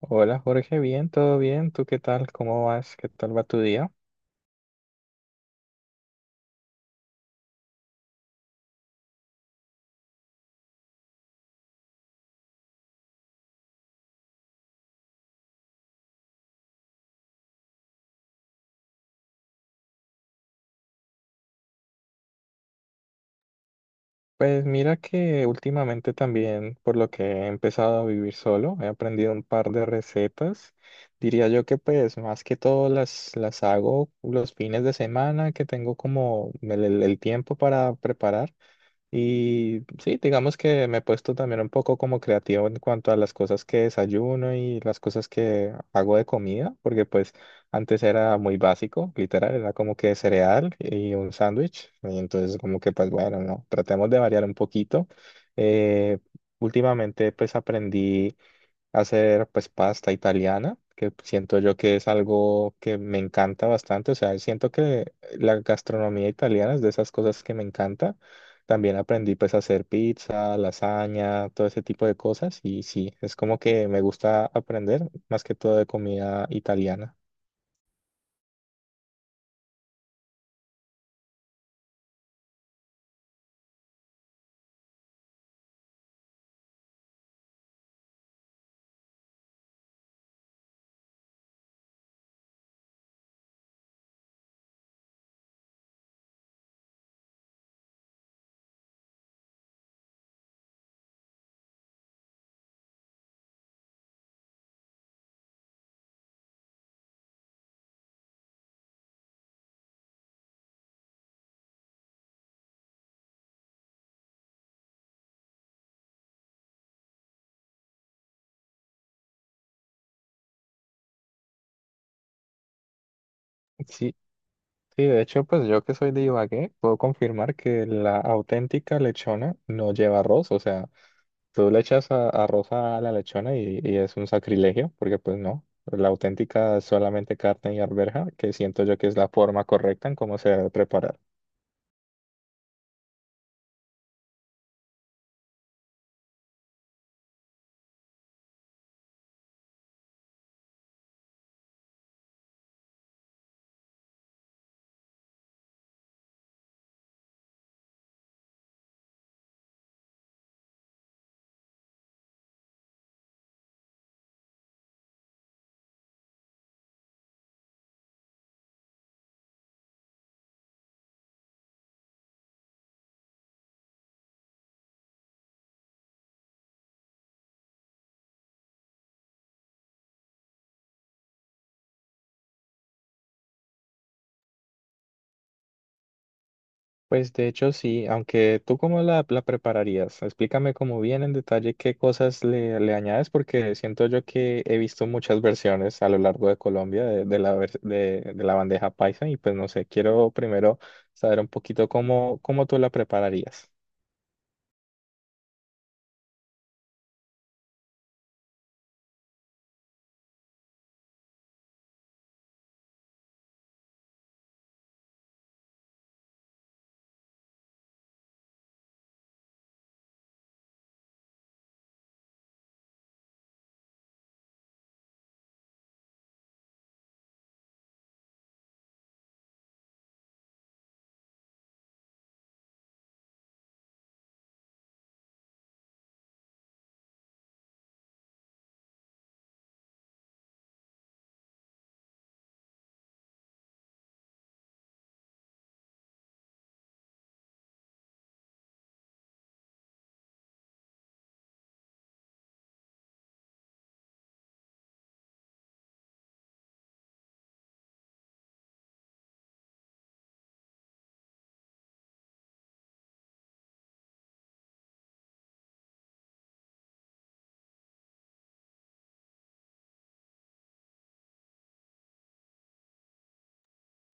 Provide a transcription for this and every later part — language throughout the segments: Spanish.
Hola Jorge, bien, todo bien, ¿tú qué tal? ¿Cómo vas? ¿Qué tal va tu día? Pues mira que últimamente también, por lo que he empezado a vivir solo, he aprendido un par de recetas. Diría yo que pues más que todo las hago los fines de semana que tengo como el tiempo para preparar. Y sí, digamos que me he puesto también un poco como creativo en cuanto a las cosas que desayuno y las cosas que hago de comida, porque pues antes era muy básico, literal, era como que cereal y un sándwich, y entonces como que pues bueno, no, tratemos de variar un poquito. Eh, Últimamente pues aprendí hacer pues pasta italiana, que siento yo que es algo que me encanta bastante, o sea, siento que la gastronomía italiana es de esas cosas que me encanta. También aprendí pues a hacer pizza, lasaña, todo ese tipo de cosas y sí, es como que me gusta aprender más que todo de comida italiana. Sí, sí, de hecho pues yo que soy de Ibagué puedo confirmar que la auténtica lechona no lleva arroz, o sea, tú le echas arroz a la lechona y es un sacrilegio, porque pues no, la auténtica es solamente carne y arveja, que siento yo que es la forma correcta en cómo se debe preparar. Pues de hecho sí, aunque tú cómo la prepararías, explícame como bien en detalle qué cosas le añades, porque siento yo que he visto muchas versiones a lo largo de Colombia de la bandeja paisa y pues no sé, quiero primero saber un poquito cómo tú la prepararías.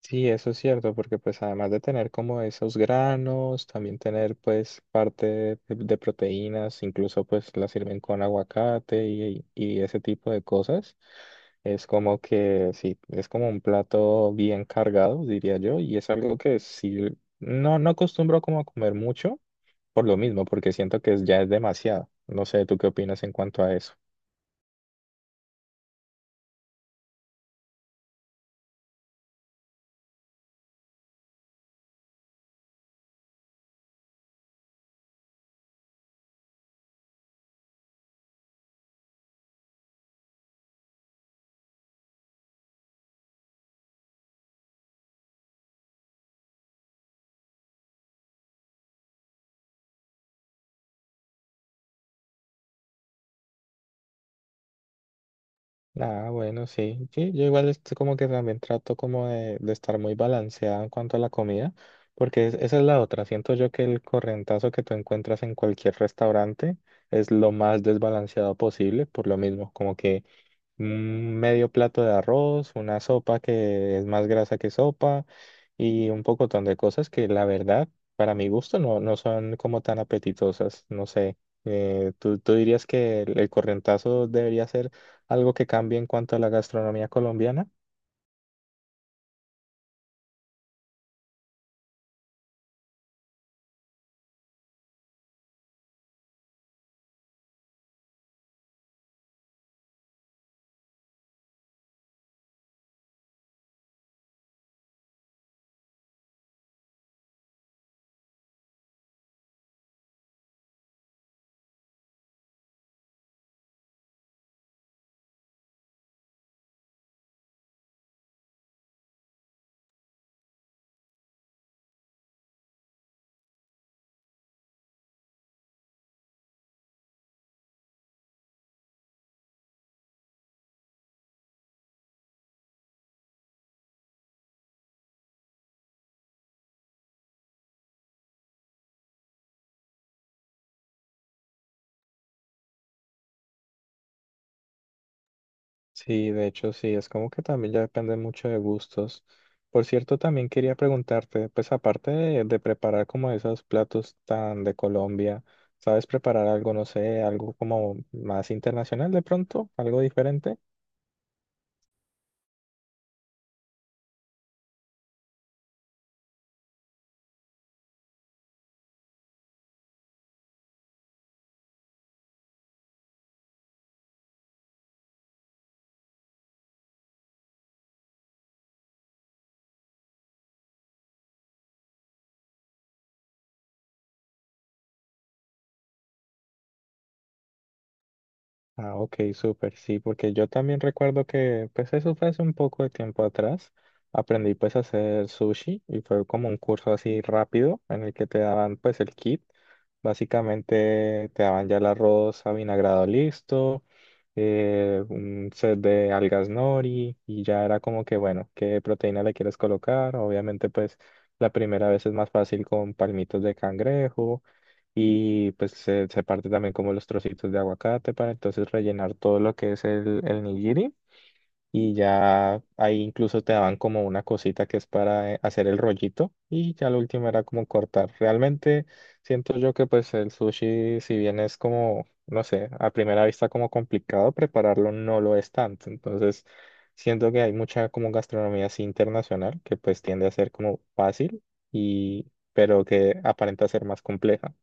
Sí, eso es cierto, porque pues además de tener como esos granos, también tener pues parte de proteínas, incluso pues la sirven con aguacate y ese tipo de cosas, es como que sí, es como un plato bien cargado, diría yo, y es algo que sí, no, no acostumbro como a comer mucho por lo mismo, porque siento que es- ya es demasiado. No sé, ¿tú qué opinas en cuanto a eso? Ah, bueno, sí. Sí, yo igual estoy como que también trato como de estar muy balanceado en cuanto a la comida, porque es- esa es la otra. Siento yo que el correntazo que tú encuentras en cualquier restaurante es lo más desbalanceado posible, por lo mismo, como que un medio plato de arroz, una sopa que es más grasa que sopa y un pocotón de cosas que la verdad, para mi gusto, no, no son como tan apetitosas. No sé, tú dirías que el corrientazo debería ser algo que cambie en cuanto a la gastronomía colombiana? Sí, de hecho sí, es como que también ya depende mucho de gustos. Por cierto, también quería preguntarte, pues aparte de preparar como esos platos tan de Colombia, ¿sabes preparar algo, no sé, algo como más internacional de pronto, algo diferente? Ah, ok, súper, sí, porque yo también recuerdo que, pues eso fue hace un poco de tiempo atrás, aprendí pues a hacer sushi y fue como un curso así rápido en el que te daban pues el kit, básicamente te daban ya el arroz avinagrado listo, un set de algas nori y ya era como que, bueno, qué proteína le quieres colocar, obviamente pues la primera vez es más fácil con palmitos de cangrejo y pues se parte también como los trocitos de aguacate para entonces rellenar todo lo que es el nigiri y ya ahí incluso te daban como una cosita que es para hacer el rollito y ya lo último era como cortar. Realmente siento yo que pues el sushi si bien es como, no sé, a primera vista como complicado prepararlo no lo es tanto, entonces siento que hay mucha como gastronomía así internacional que pues tiende a ser como fácil y pero que aparenta ser más compleja.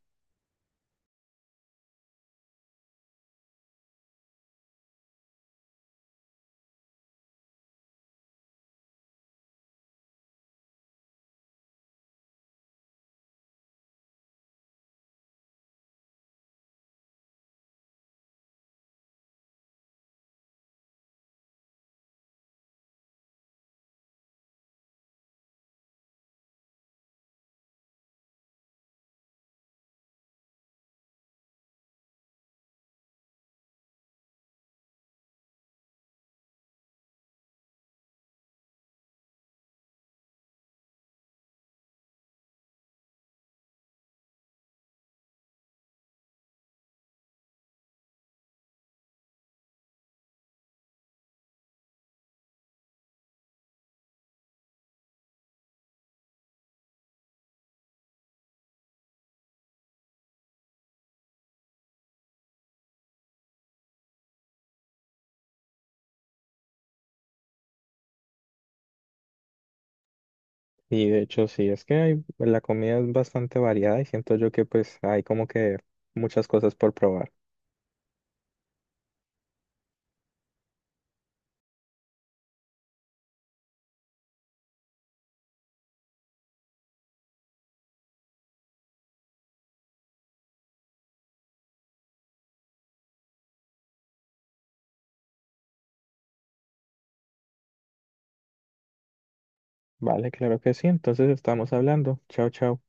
Y de hecho sí, es que hay- la comida es bastante variada y siento yo que pues hay como que muchas cosas por probar. Vale, claro que sí, entonces estamos hablando. Chao, chao.